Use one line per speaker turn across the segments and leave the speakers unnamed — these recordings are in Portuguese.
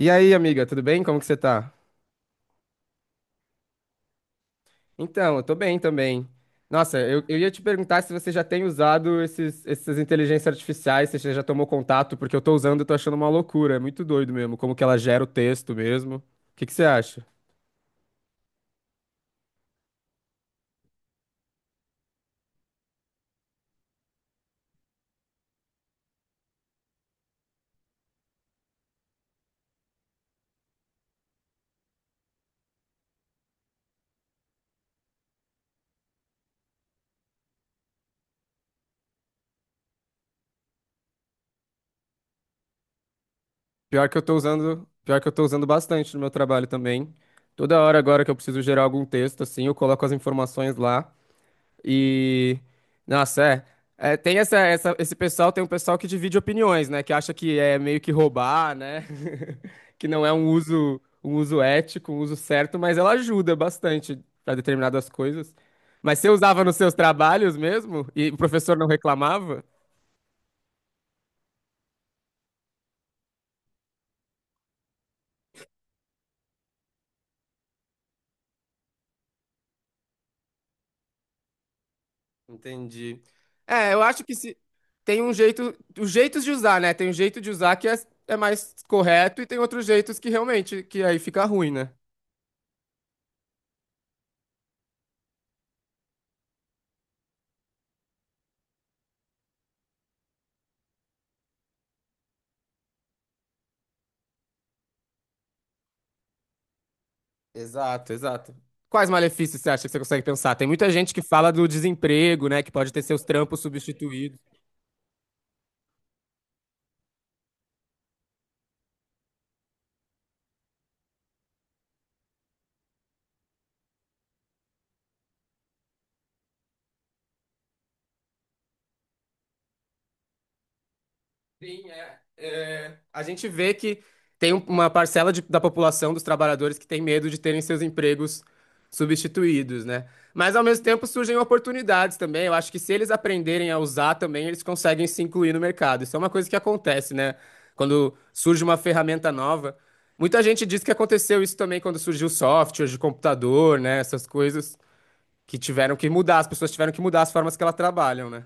E aí, amiga, tudo bem? Como que você tá? Então, eu tô bem também. Nossa, eu ia te perguntar se você já tem usado essas inteligências artificiais, se você já tomou contato, porque eu tô usando e tô achando uma loucura. É muito doido mesmo, como que ela gera o texto mesmo. O que que você acha? Pior que eu tô usando, pior que eu tô usando bastante no meu trabalho também. Toda hora agora que eu preciso gerar algum texto, assim, eu coloco as informações lá. E nossa, É, tem esse pessoal, tem um pessoal que divide opiniões, né, que acha que é meio que roubar, né? Que não é um uso ético, um uso certo, mas ela ajuda bastante para determinadas coisas. Mas você usava nos seus trabalhos mesmo e o professor não reclamava? Entendi. É, eu acho que se tem um jeito, os jeitos de usar, né? Tem um jeito de usar que é, é mais correto e tem outros jeitos que realmente que aí fica ruim, né? Exato, exato. Quais malefícios você acha que você consegue pensar? Tem muita gente que fala do desemprego, né? Que pode ter seus trampos substituídos. Sim, é, é, a gente vê que tem uma parcela da população dos trabalhadores que tem medo de terem seus empregos substituídos, né? Mas ao mesmo tempo surgem oportunidades também. Eu acho que se eles aprenderem a usar também, eles conseguem se incluir no mercado. Isso é uma coisa que acontece, né? Quando surge uma ferramenta nova. Muita gente diz que aconteceu isso também quando surgiu software de computador, né? Essas coisas que tiveram que mudar, as pessoas tiveram que mudar as formas que elas trabalham, né?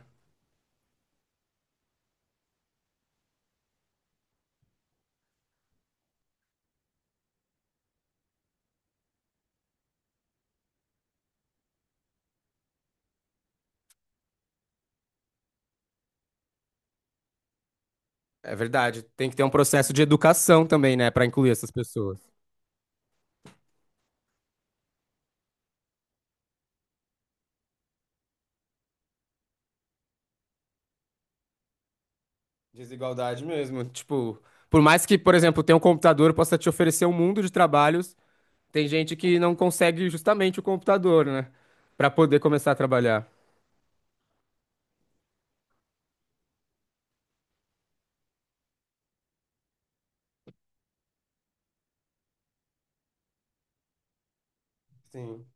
É verdade. Tem que ter um processo de educação também, né, pra incluir essas pessoas. Desigualdade mesmo. Tipo, por mais que, por exemplo, tenha um computador possa te oferecer um mundo de trabalhos, tem gente que não consegue justamente o computador, né, pra poder começar a trabalhar. Sim.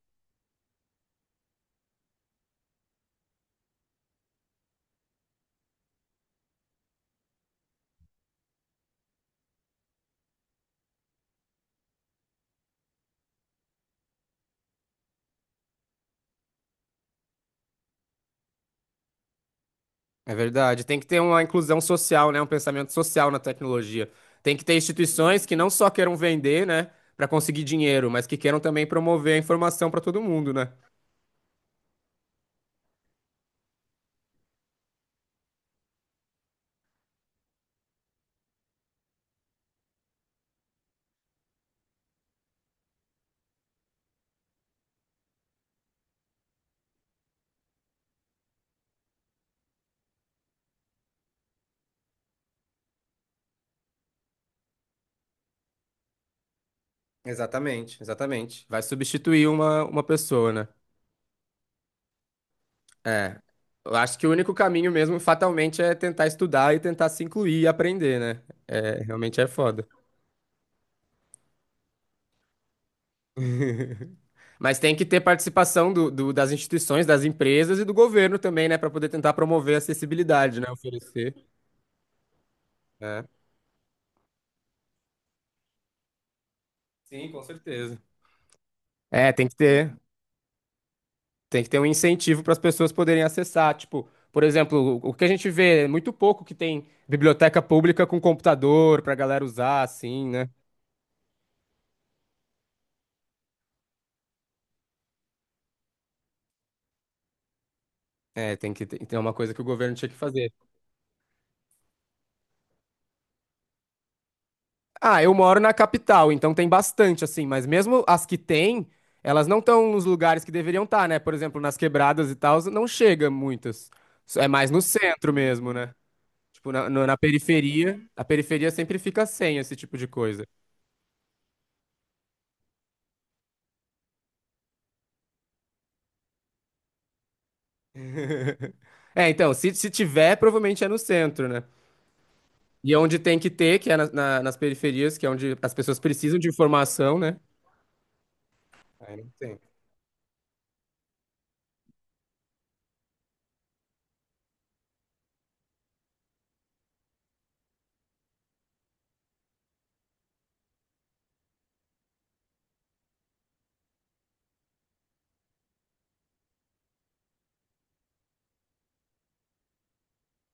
É verdade. Tem que ter uma inclusão social, né, um pensamento social na tecnologia. Tem que ter instituições que não só queiram vender, né, para conseguir dinheiro, mas que queiram também promover a informação para todo mundo, né? Exatamente, exatamente. Vai substituir uma pessoa, né? É. Eu acho que o único caminho mesmo, fatalmente, é tentar estudar e tentar se incluir e aprender, né? É, realmente é foda. Mas tem que ter participação das instituições, das empresas e do governo também, né? Pra poder tentar promover a acessibilidade, né? Oferecer. É. Sim, com certeza. É, tem que ter. Tem que ter um incentivo para as pessoas poderem acessar. Tipo, por exemplo, o que a gente vê é muito pouco que tem biblioteca pública com computador pra galera usar, assim, né? É, tem que ter, tem uma coisa que o governo tinha que fazer. Ah, eu moro na capital, então tem bastante, assim, mas mesmo as que tem, elas não estão nos lugares que deveriam estar, né? Por exemplo, nas quebradas e tal, não chega muitas. É mais no centro mesmo, né? Tipo, na, no- na periferia, a periferia sempre fica sem esse tipo de coisa. É, então, se tiver, provavelmente é no centro, né? E é onde tem que ter, que é nas periferias, que é onde as pessoas precisam de informação, né? Aí não tem.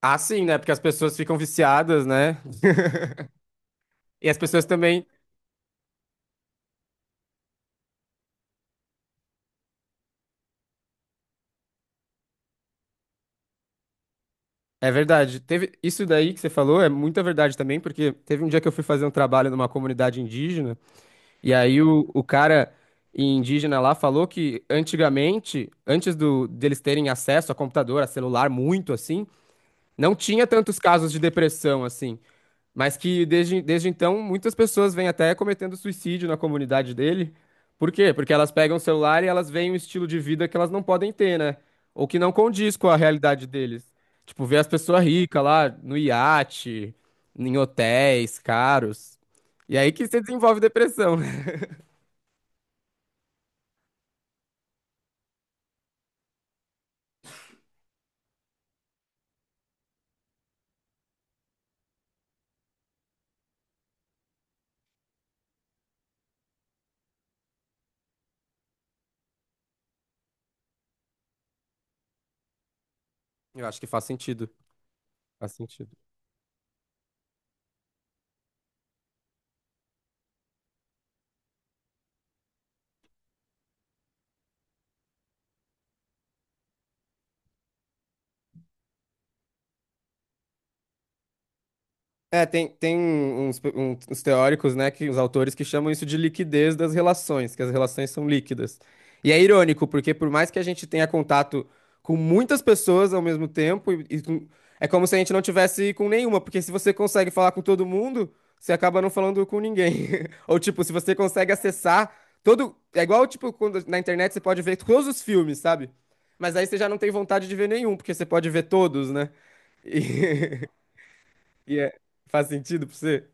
Ah, sim, né? Porque as pessoas ficam viciadas, né? E as pessoas também. É verdade. Teve isso daí que você falou é muita verdade também, porque teve um dia que eu fui fazer um trabalho numa comunidade indígena, e aí o cara indígena lá falou que antigamente, antes do deles terem acesso a computador, a celular, muito assim, não tinha tantos casos de depressão assim. Mas que desde então muitas pessoas vêm até cometendo suicídio na comunidade dele. Por quê? Porque elas pegam o celular e elas veem um estilo de vida que elas não podem ter, né? Ou que não condiz com a realidade deles. Tipo, ver as pessoas ricas lá no iate, em hotéis caros. E aí que você desenvolve depressão, né? Eu acho que faz sentido. Faz sentido. É, tem, tem um, uns teóricos, né, que os autores que chamam isso de liquidez das relações, que as relações são líquidas. E é irônico, porque por mais que a gente tenha contato com muitas pessoas ao mesmo tempo, é como se a gente não tivesse com nenhuma, porque se você consegue falar com todo mundo, você acaba não falando com ninguém. Ou tipo, se você consegue acessar todo, é igual tipo quando na internet você pode ver todos os filmes, sabe? Mas aí você já não tem vontade de ver nenhum, porque você pode ver todos, né? E, e é- faz sentido pra você?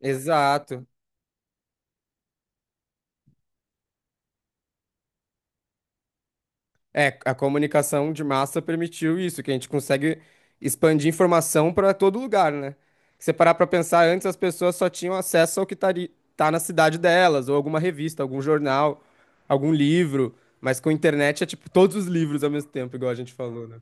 Exato. É, a comunicação de massa permitiu isso, que a gente consegue expandir informação para todo lugar, né? Se você parar para pensar, antes as pessoas só tinham acesso ao que tá na cidade delas, ou alguma revista, algum jornal, algum livro, mas com internet é tipo todos os livros ao mesmo tempo, igual a gente falou, né?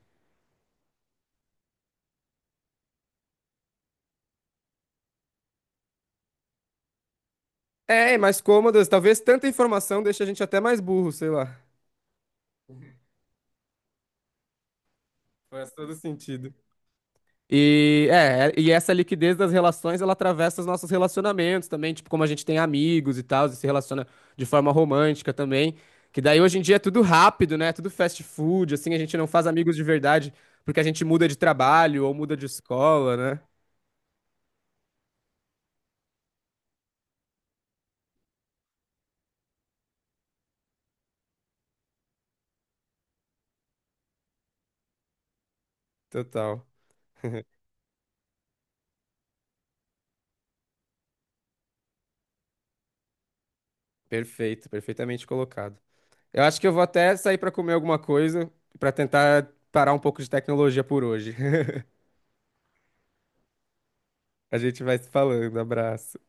É, é mais cômodas, talvez tanta informação deixe a gente até mais burro, sei lá. Faz todo sentido. E essa liquidez das relações, ela atravessa os nossos relacionamentos também, tipo, como a gente tem amigos e tal, e se relaciona de forma romântica também, que daí hoje em dia é tudo rápido, né? Tudo fast food, assim, a gente não faz amigos de verdade porque a gente muda de trabalho ou muda de escola, né? Total. Perfeito, perfeitamente colocado. Eu acho que eu vou até sair pra comer alguma coisa pra tentar parar um pouco de tecnologia por hoje. A gente vai se falando. Abraço.